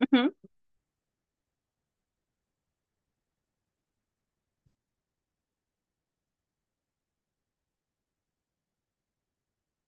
Ujú.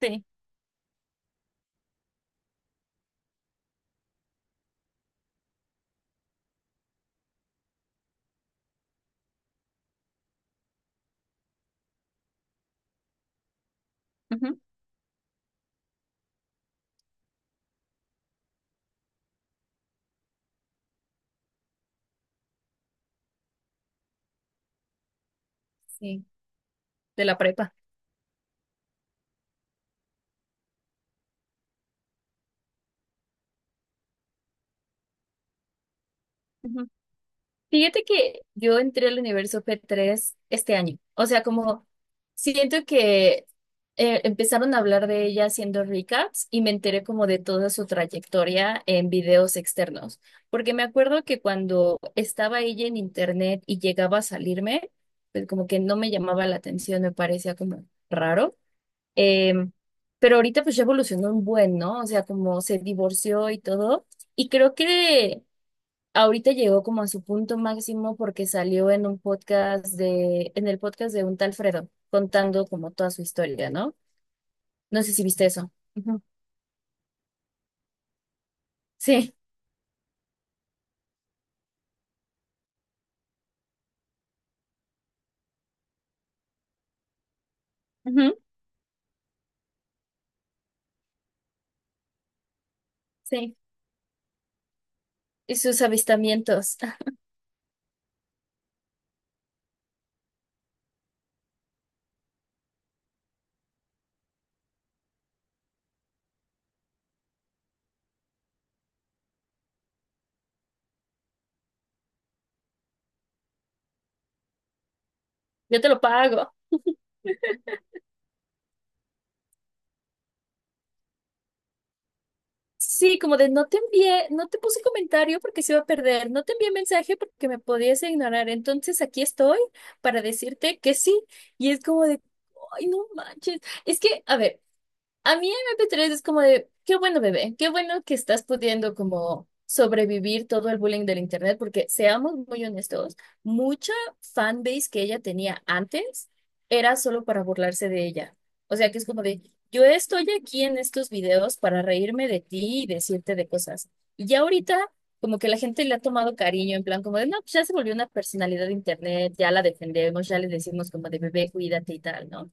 Sí. Ujú. Sí, de la prepa. Ujú. Fíjate que yo entré al universo P3 este año. O sea, como siento que empezaron a hablar de ella haciendo recaps y me enteré como de toda su trayectoria en videos externos. Porque me acuerdo que cuando estaba ella en internet y llegaba a salirme, pues como que no me llamaba la atención, me parecía como raro. Em, pero ahorita pues ya evolucionó un buen, ¿no? O sea, como se divorció y todo. Y creo que ahorita llegó como a su punto máximo porque salió en un podcast de, en el podcast de un tal Fredo, contando como toda su historia, ¿no? No sé si viste eso. Ujú. Sí, ujú, sí. Y sus avistamientos. Yo te lo pago. Sí, como de no te envié, no te puse comentario porque se iba a perder, no te envié mensaje porque me podías ignorar, entonces aquí estoy para decirte que sí, y es como de, ay, no manches, es que, a ver, a mí MP3 es como de, qué bueno bebé, qué bueno que estás pudiendo como sobrevivir todo el bullying del internet, porque seamos muy honestos, mucha fanbase que ella tenía antes era solo para burlarse de ella. O sea que es como de, yo estoy aquí en estos videos para reírme de ti y decirte de cosas. Y ya ahorita como que la gente le ha tomado cariño, en plan como de, no, pues ya se volvió una personalidad de internet, ya la defendemos, ya le decimos como de bebé, cuídate y tal, ¿no?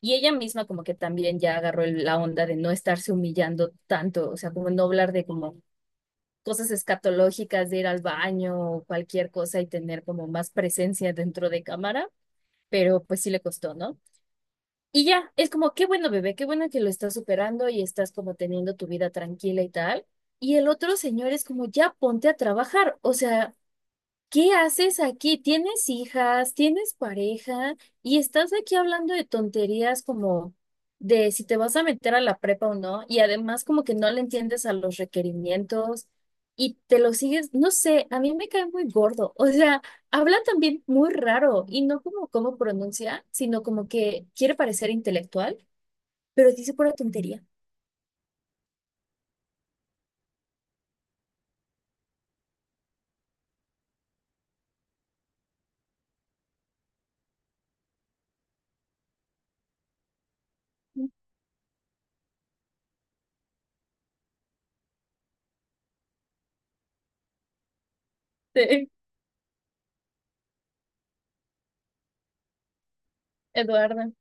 Y ella misma como que también ya agarró la onda de no estarse humillando tanto, o sea, como no hablar de como cosas escatológicas, de ir al baño o cualquier cosa y tener como más presencia dentro de cámara, pero pues sí le costó, ¿no? Y ya, es como, qué bueno bebé, qué bueno que lo estás superando y estás como teniendo tu vida tranquila y tal. Y el otro señor es como, ya ponte a trabajar, o sea... ¿Qué haces aquí? ¿Tienes hijas? ¿Tienes pareja? Y estás aquí hablando de tonterías como de si te vas a meter a la prepa o no, y además como que no le entiendes a los requerimientos y te lo sigues, no sé, a mí me cae muy gordo, o sea, habla también muy raro y no como cómo pronuncia, sino como que quiere parecer intelectual, pero dice pura tontería. Sí, Eduardo.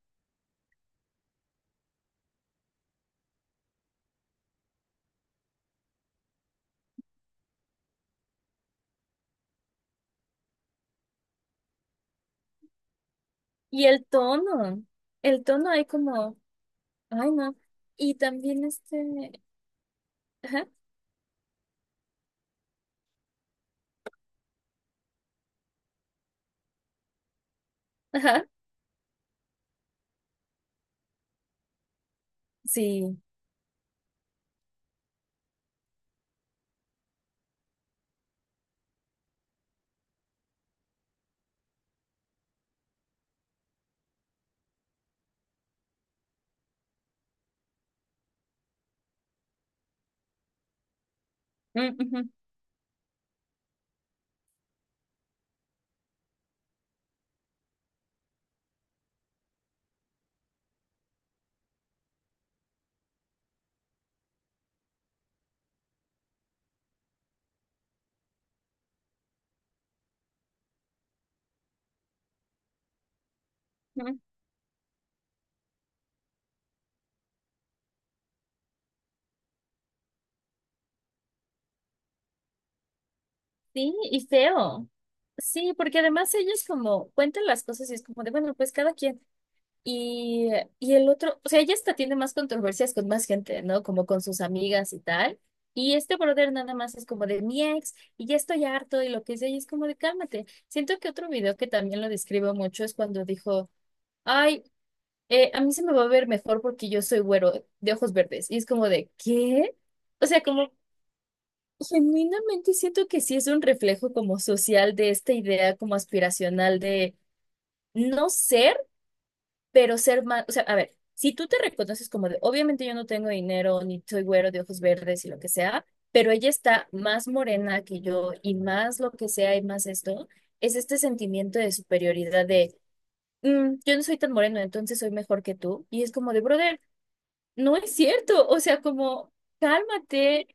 Y el tono hay como, ay no. Y también este, ajá, ajá, sí. Mm, ujú, ujú. Sí, y feo. Sí, porque además ellos como cuentan las cosas y es como de, bueno, pues cada quien. Y, y el otro, o sea, ella hasta tiene más controversias con más gente, ¿no? Como con sus amigas y tal. Y este brother nada más es como de mi ex y ya estoy harto y lo que sea, y es como de cálmate. Siento que otro video que también lo describo mucho es cuando dijo, ay, a mí se me va a ver mejor porque yo soy güero de ojos verdes. Y es como de, ¿qué? O sea, como genuinamente siento que sí es un reflejo como social de esta idea como aspiracional de no ser, pero ser más, o sea, a ver, si tú te reconoces como de, obviamente yo no tengo dinero, ni soy güero de ojos verdes y lo que sea, pero ella está más morena que yo y más lo que sea y más esto, es este sentimiento de superioridad de, "Mm, yo no soy tan moreno, entonces soy mejor que tú." Y es como de, brother, no es cierto, o sea, como... Cálmate.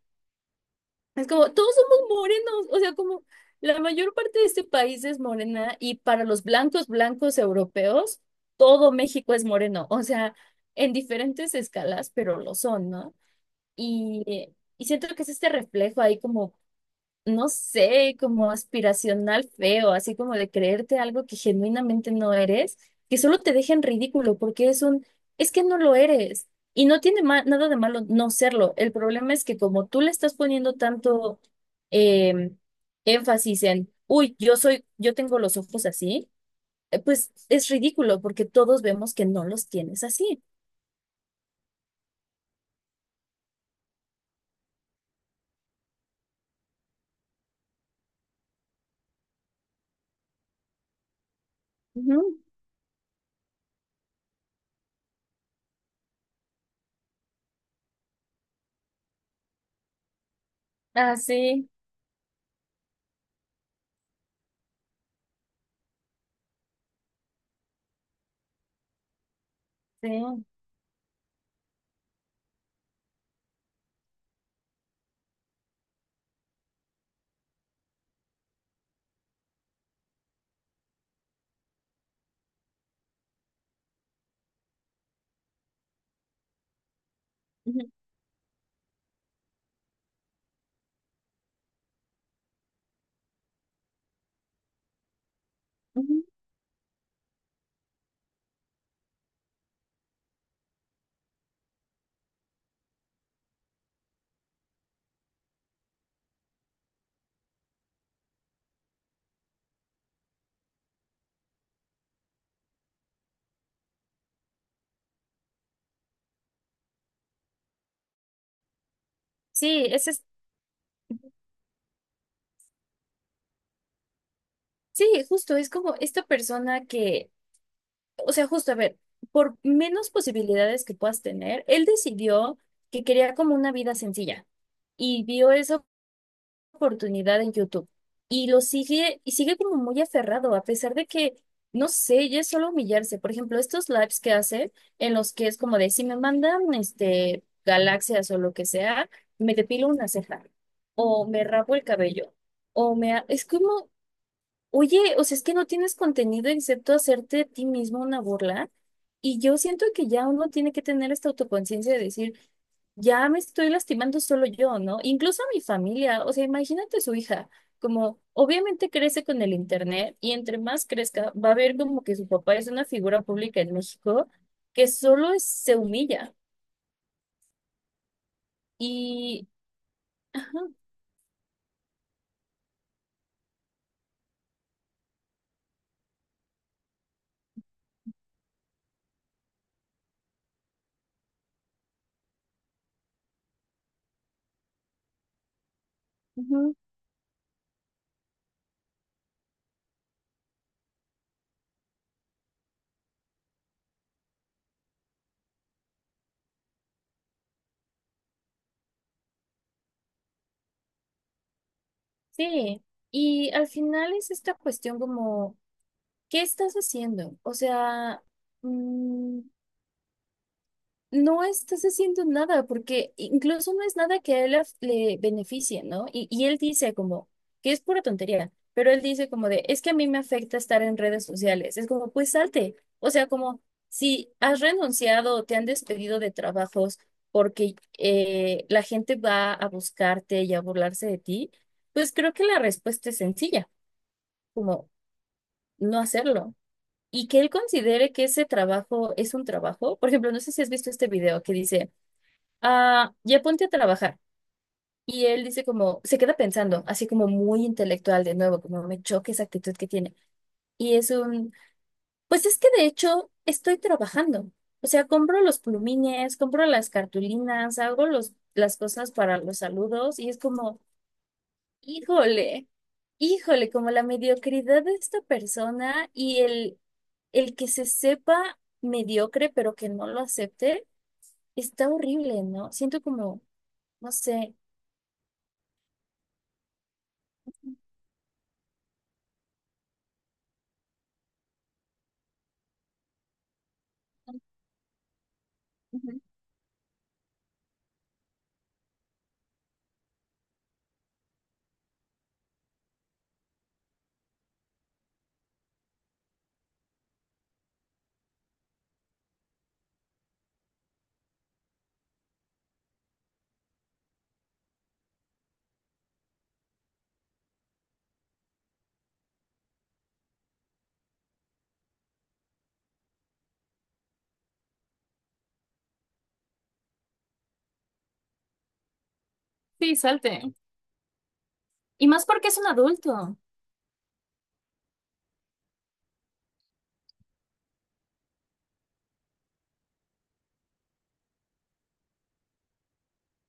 Es como, todos somos morenos, o sea, como la mayor parte de este país es morena y para los blancos, blancos europeos, todo México es moreno, o sea, en diferentes escalas, pero lo son, ¿no? Y siento que es este reflejo ahí como no sé, como aspiracional feo, así como de creerte algo que genuinamente no eres, que solo te deja en ridículo porque es un, es que no lo eres. Y no tiene nada de malo no serlo. El problema es que como tú le estás poniendo tanto em, énfasis en, uy, yo soy, yo tengo los ojos así, pues es ridículo porque todos vemos que no los tienes así. Ujú. Ah, sí, sí. Ujú, ujú. Sí, ese es, sí, justo, es como esta persona que o sea, justo, a ver, por menos posibilidades que puedas tener, él decidió que quería como una vida sencilla y vio esa oportunidad en YouTube y lo sigue y sigue como muy aferrado a pesar de que, no sé, ya es solo humillarse. Por ejemplo, estos lives que hace en los que es como de, si me mandan este, galaxias o lo que sea, me depilo una ceja o me rapo el cabello o me... Es como oye, o sea, es que no tienes contenido excepto hacerte a ti mismo una burla. Y yo siento que ya uno tiene que tener esta autoconciencia de decir, ya me estoy lastimando solo yo, ¿no? Incluso a mi familia, o sea, imagínate su hija, como obviamente crece con el internet y entre más crezca, va a ver como que su papá es una figura pública en México que solo se humilla. Y, ujú, sí, y al final es esta cuestión como... ¿Qué estás haciendo? O sea, mm, no estás haciendo nada porque incluso no es nada que a él le beneficie, ¿no? Y él dice como, que es pura tontería, pero él dice como de, es que a mí me afecta estar en redes sociales. Es como, pues salte. O sea, como si has renunciado o te han despedido de trabajos porque la gente va a buscarte y a burlarse de ti, pues creo que la respuesta es sencilla, como no hacerlo. Y que él considere que ese trabajo es un trabajo. Por ejemplo, no sé si has visto este video que dice, ah, ya ponte a trabajar. Y él dice como, se queda pensando, así como muy intelectual de nuevo, como me choca esa actitud que tiene. Y es un, pues es que de hecho estoy trabajando. O sea, compro los plumines, compro las cartulinas, hago los, las cosas para los saludos y es como... Híjole, híjole, como la mediocridad de esta persona y el que se sepa mediocre pero que no lo acepte, está horrible, ¿no? Siento como, no sé. Ujú. Sí, salte. Y más porque es un adulto.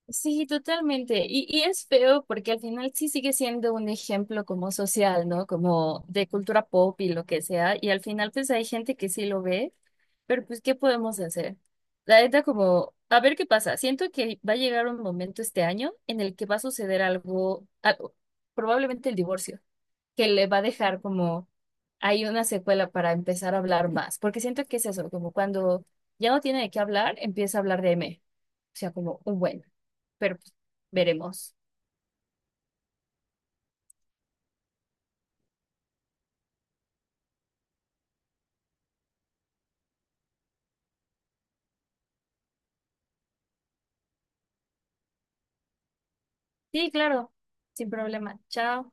Sí, totalmente. Y es feo porque al final sí sigue siendo un ejemplo como social, ¿no? Como de cultura pop y lo que sea. Y al final pues hay gente que sí lo ve. Pero pues, ¿qué podemos hacer? La neta, como, a ver qué pasa. Siento que va a llegar un momento este año en el que va a suceder algo, algo, probablemente el divorcio, que le va a dejar como hay una secuela para empezar a hablar más. Porque siento que es eso, como cuando ya no tiene de qué hablar, empieza a hablar de M. O sea, como un bueno. Pero pues, veremos. Sí, claro, sin problema. Chao.